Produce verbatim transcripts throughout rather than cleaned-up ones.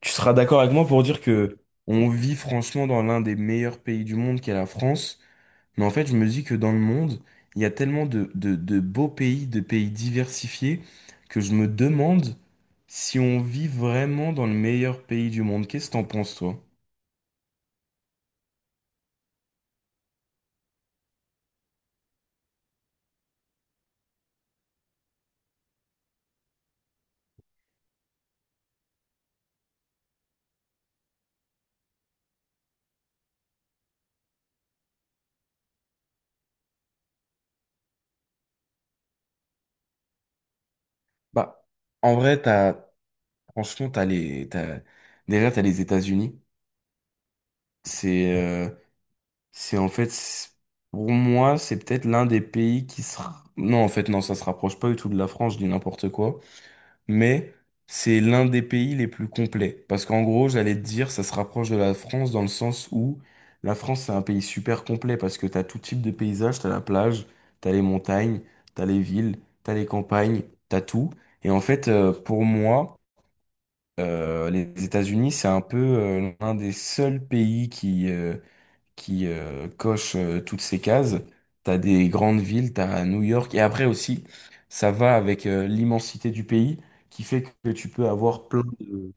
Tu seras d'accord avec moi pour dire que on vit franchement dans l'un des meilleurs pays du monde qu'est la France, mais en fait, je me dis que dans le monde, il y a tellement de, de, de beaux pays, de pays diversifiés, que je me demande si on vit vraiment dans le meilleur pays du monde. Qu'est-ce que t'en penses, toi? Bah, en vrai, t'as, franchement, t'as les, t'as, déjà, t'as les États-Unis. C'est, euh, c'est en fait, c'est- pour moi, c'est peut-être l'un des pays qui sera, non, en fait, non, ça se rapproche pas du tout de la France, je dis n'importe quoi. Mais c'est l'un des pays les plus complets. Parce qu'en gros, j'allais te dire, ça se rapproche de la France dans le sens où la France, c'est un pays super complet parce que t'as tout type de paysage, t'as la plage, t'as les montagnes, t'as les villes, t'as les campagnes, t'as tout. Et en fait, euh, pour moi, euh, les États-Unis, c'est un peu euh, l'un des seuls pays qui, euh, qui euh, coche euh, toutes ces cases. T'as des grandes villes, t'as New York, et après aussi, ça va avec euh, l'immensité du pays, qui fait que tu peux avoir plein de,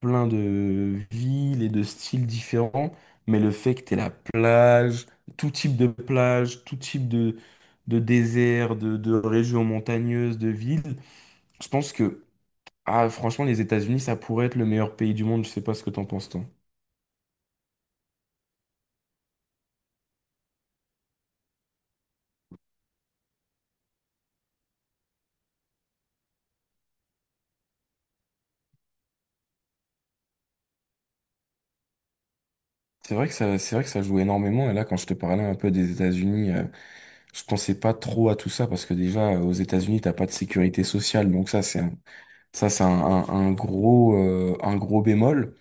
plein de villes et de styles différents, mais le fait que t'aies la plage, tout type de plage, tout type de, de désert, de, de régions montagneuses, de villes, je pense que, ah, franchement, les États-Unis, ça pourrait être le meilleur pays du monde, je sais pas ce que t'en penses, toi. C'est vrai que ça, c'est vrai que ça joue énormément. Et là, quand je te parlais un peu des États-Unis, euh, je pensais pas trop à tout ça parce que déjà, euh, aux États-Unis, t'as pas de sécurité sociale. Donc ça, c'est un, ça, c'est un, un, un gros, euh, un gros bémol.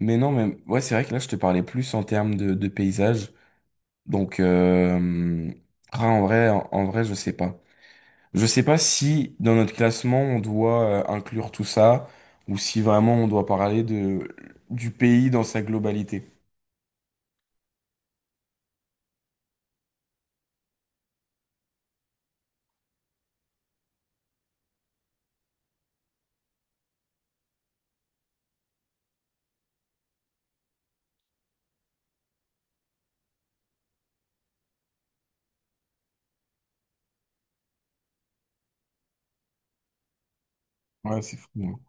Mais non, mais ouais, c'est vrai que là, je te parlais plus en termes de, de paysage. Donc, euh, ah, en vrai, en, en vrai, je sais pas. Je sais pas si dans notre classement, on doit euh, inclure tout ça ou si vraiment on doit parler de, du pays dans sa globalité. Ouais, c'est fou, hein.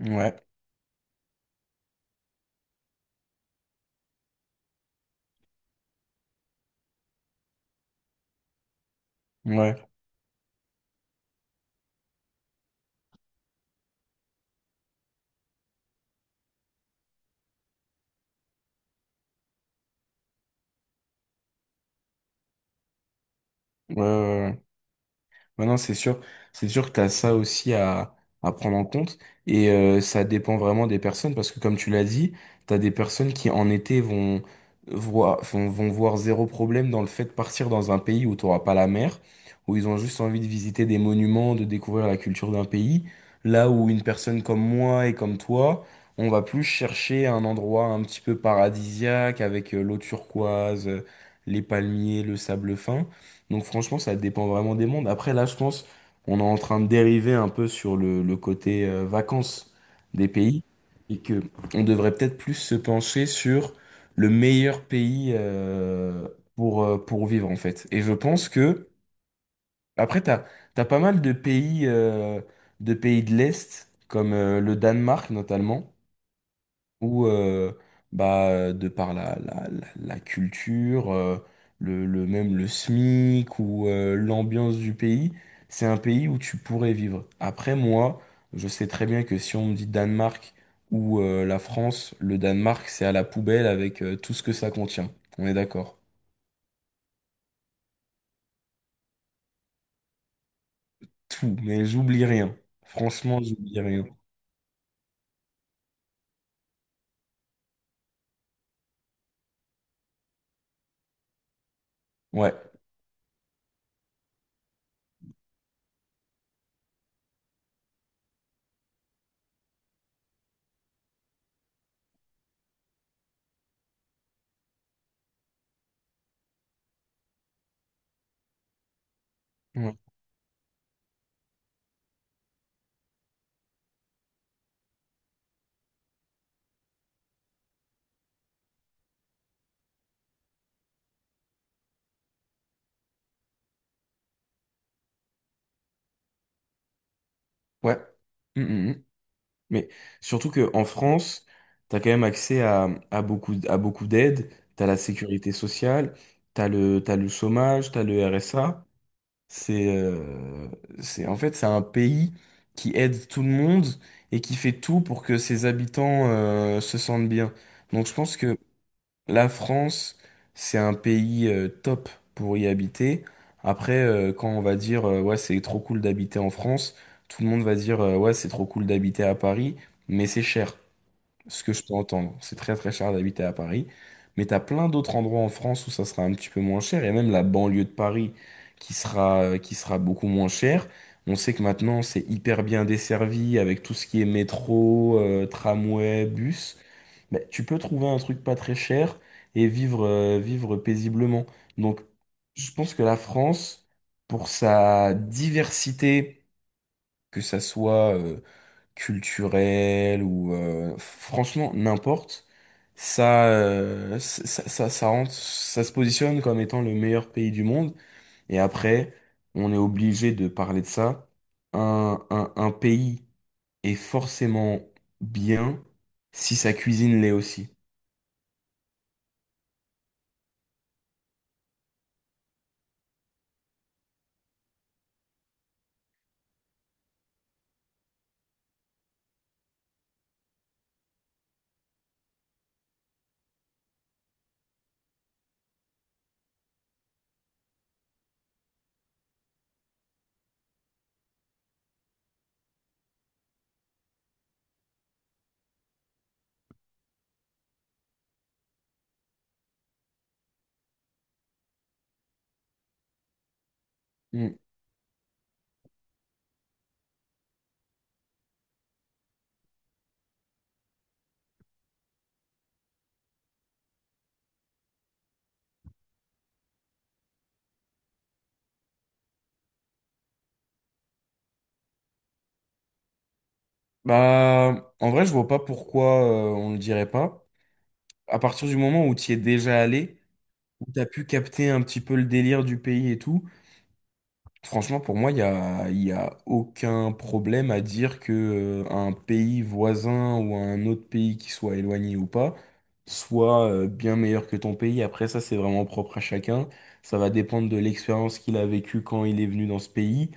Ouais. Ouais. Ouais, ouais, ouais, ouais. Ouais, non, c'est sûr, c'est sûr que t'as ça aussi à, à prendre en compte et euh, ça dépend vraiment des personnes parce que comme tu l'as dit, t'as des personnes qui en été vont voir, vont, vont voir zéro problème dans le fait de partir dans un pays où t'auras pas la mer, où ils ont juste envie de visiter des monuments, de découvrir la culture d'un pays, là où une personne comme moi et comme toi, on va plus chercher un endroit un petit peu paradisiaque avec euh, l'eau turquoise, euh, les palmiers, le sable fin. Donc franchement, ça dépend vraiment des mondes. Après, là, je pense, on est en train de dériver un peu sur le, le côté euh, vacances des pays et que on devrait peut-être plus se pencher sur le meilleur pays euh, pour, euh, pour vivre en fait. Et je pense que après, t'as, t'as pas mal de pays euh, de pays de l'Est comme euh, le Danemark notamment où euh, bah euh, de par la, la, la, la culture euh, le, le même le S M I C ou euh, l'ambiance du pays, c'est un pays où tu pourrais vivre. Après moi je sais très bien que si on me dit Danemark ou euh, la France, le Danemark c'est à la poubelle avec euh, tout ce que ça contient, on est d'accord. Tout, mais j'oublie rien, franchement j'oublie rien. Ouais, ouais, ouais. Mm, mm, mm. Mais surtout que en France, t'as quand même accès à, à beaucoup, à beaucoup d'aides. T'as la sécurité sociale, t'as le, t'as le chômage, tu as le R S A. C'est, euh, c'est, en fait, c'est un pays qui aide tout le monde et qui fait tout pour que ses habitants, euh, se sentent bien. Donc je pense que la France, c'est un pays euh, top pour y habiter. Après, euh, quand on va dire euh, ouais, c'est trop cool d'habiter en France, tout le monde va dire euh, ouais, c'est trop cool d'habiter à Paris, mais c'est cher, ce que je peux entendre. C'est très très cher d'habiter à Paris, mais tu as plein d'autres endroits en France où ça sera un petit peu moins cher, et même la banlieue de Paris qui sera, euh, qui sera beaucoup moins chère. On sait que maintenant c'est hyper bien desservi avec tout ce qui est métro, euh, tramway, bus. Mais tu peux trouver un truc pas très cher et vivre, euh, vivre paisiblement. Donc je pense que la France, pour sa diversité, que ça soit... euh, culturel ou euh, franchement n'importe, ça, euh, ça ça ça rentre, ça se positionne comme étant le meilleur pays du monde. Et après on est obligé de parler de ça: un, un, un pays est forcément bien si sa cuisine l'est aussi. Mm. Bah en vrai je vois pas pourquoi euh, on le dirait pas, à partir du moment où tu y es déjà allé, où t'as pu capter un petit peu le délire du pays et tout. Franchement, pour moi, il y a, il y a aucun problème à dire que euh, un pays voisin ou un autre pays qui soit éloigné ou pas soit euh, bien meilleur que ton pays. Après, ça, c'est vraiment propre à chacun. Ça va dépendre de l'expérience qu'il a vécue quand il est venu dans ce pays.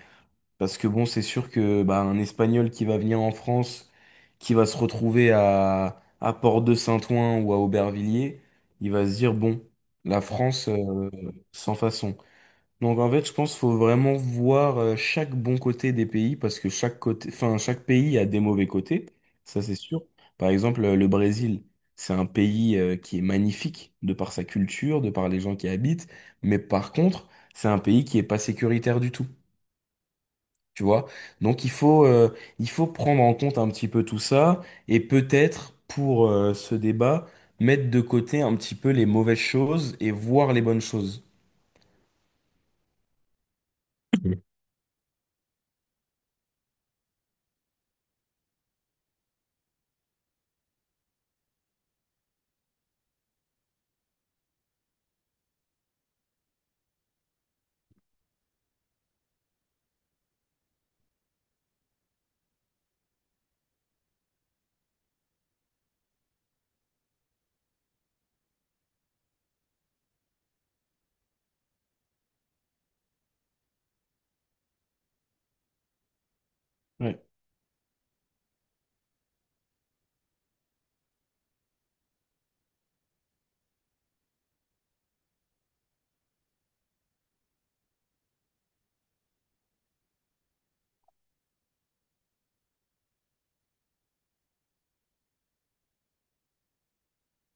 Parce que bon, c'est sûr que bah, un Espagnol qui va venir en France, qui va se retrouver à, à Port-de-Saint-Ouen ou à Aubervilliers, il va se dire, bon, la France, euh, sans façon. Donc en fait, je pense qu'il faut vraiment voir euh, chaque bon côté des pays parce que chaque côté, enfin, chaque pays a des mauvais côtés, ça c'est sûr. Par exemple, euh, le Brésil, c'est un pays euh, qui est magnifique de par sa culture, de par les gens qui y habitent, mais par contre, c'est un pays qui est pas sécuritaire du tout, tu vois. Donc il faut, euh, il faut prendre en compte un petit peu tout ça et peut-être pour euh, ce débat, mettre de côté un petit peu les mauvaises choses et voir les bonnes choses. Mm.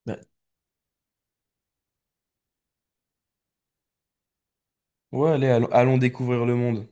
Ouais. Ouais, allez, allons, allons découvrir le monde.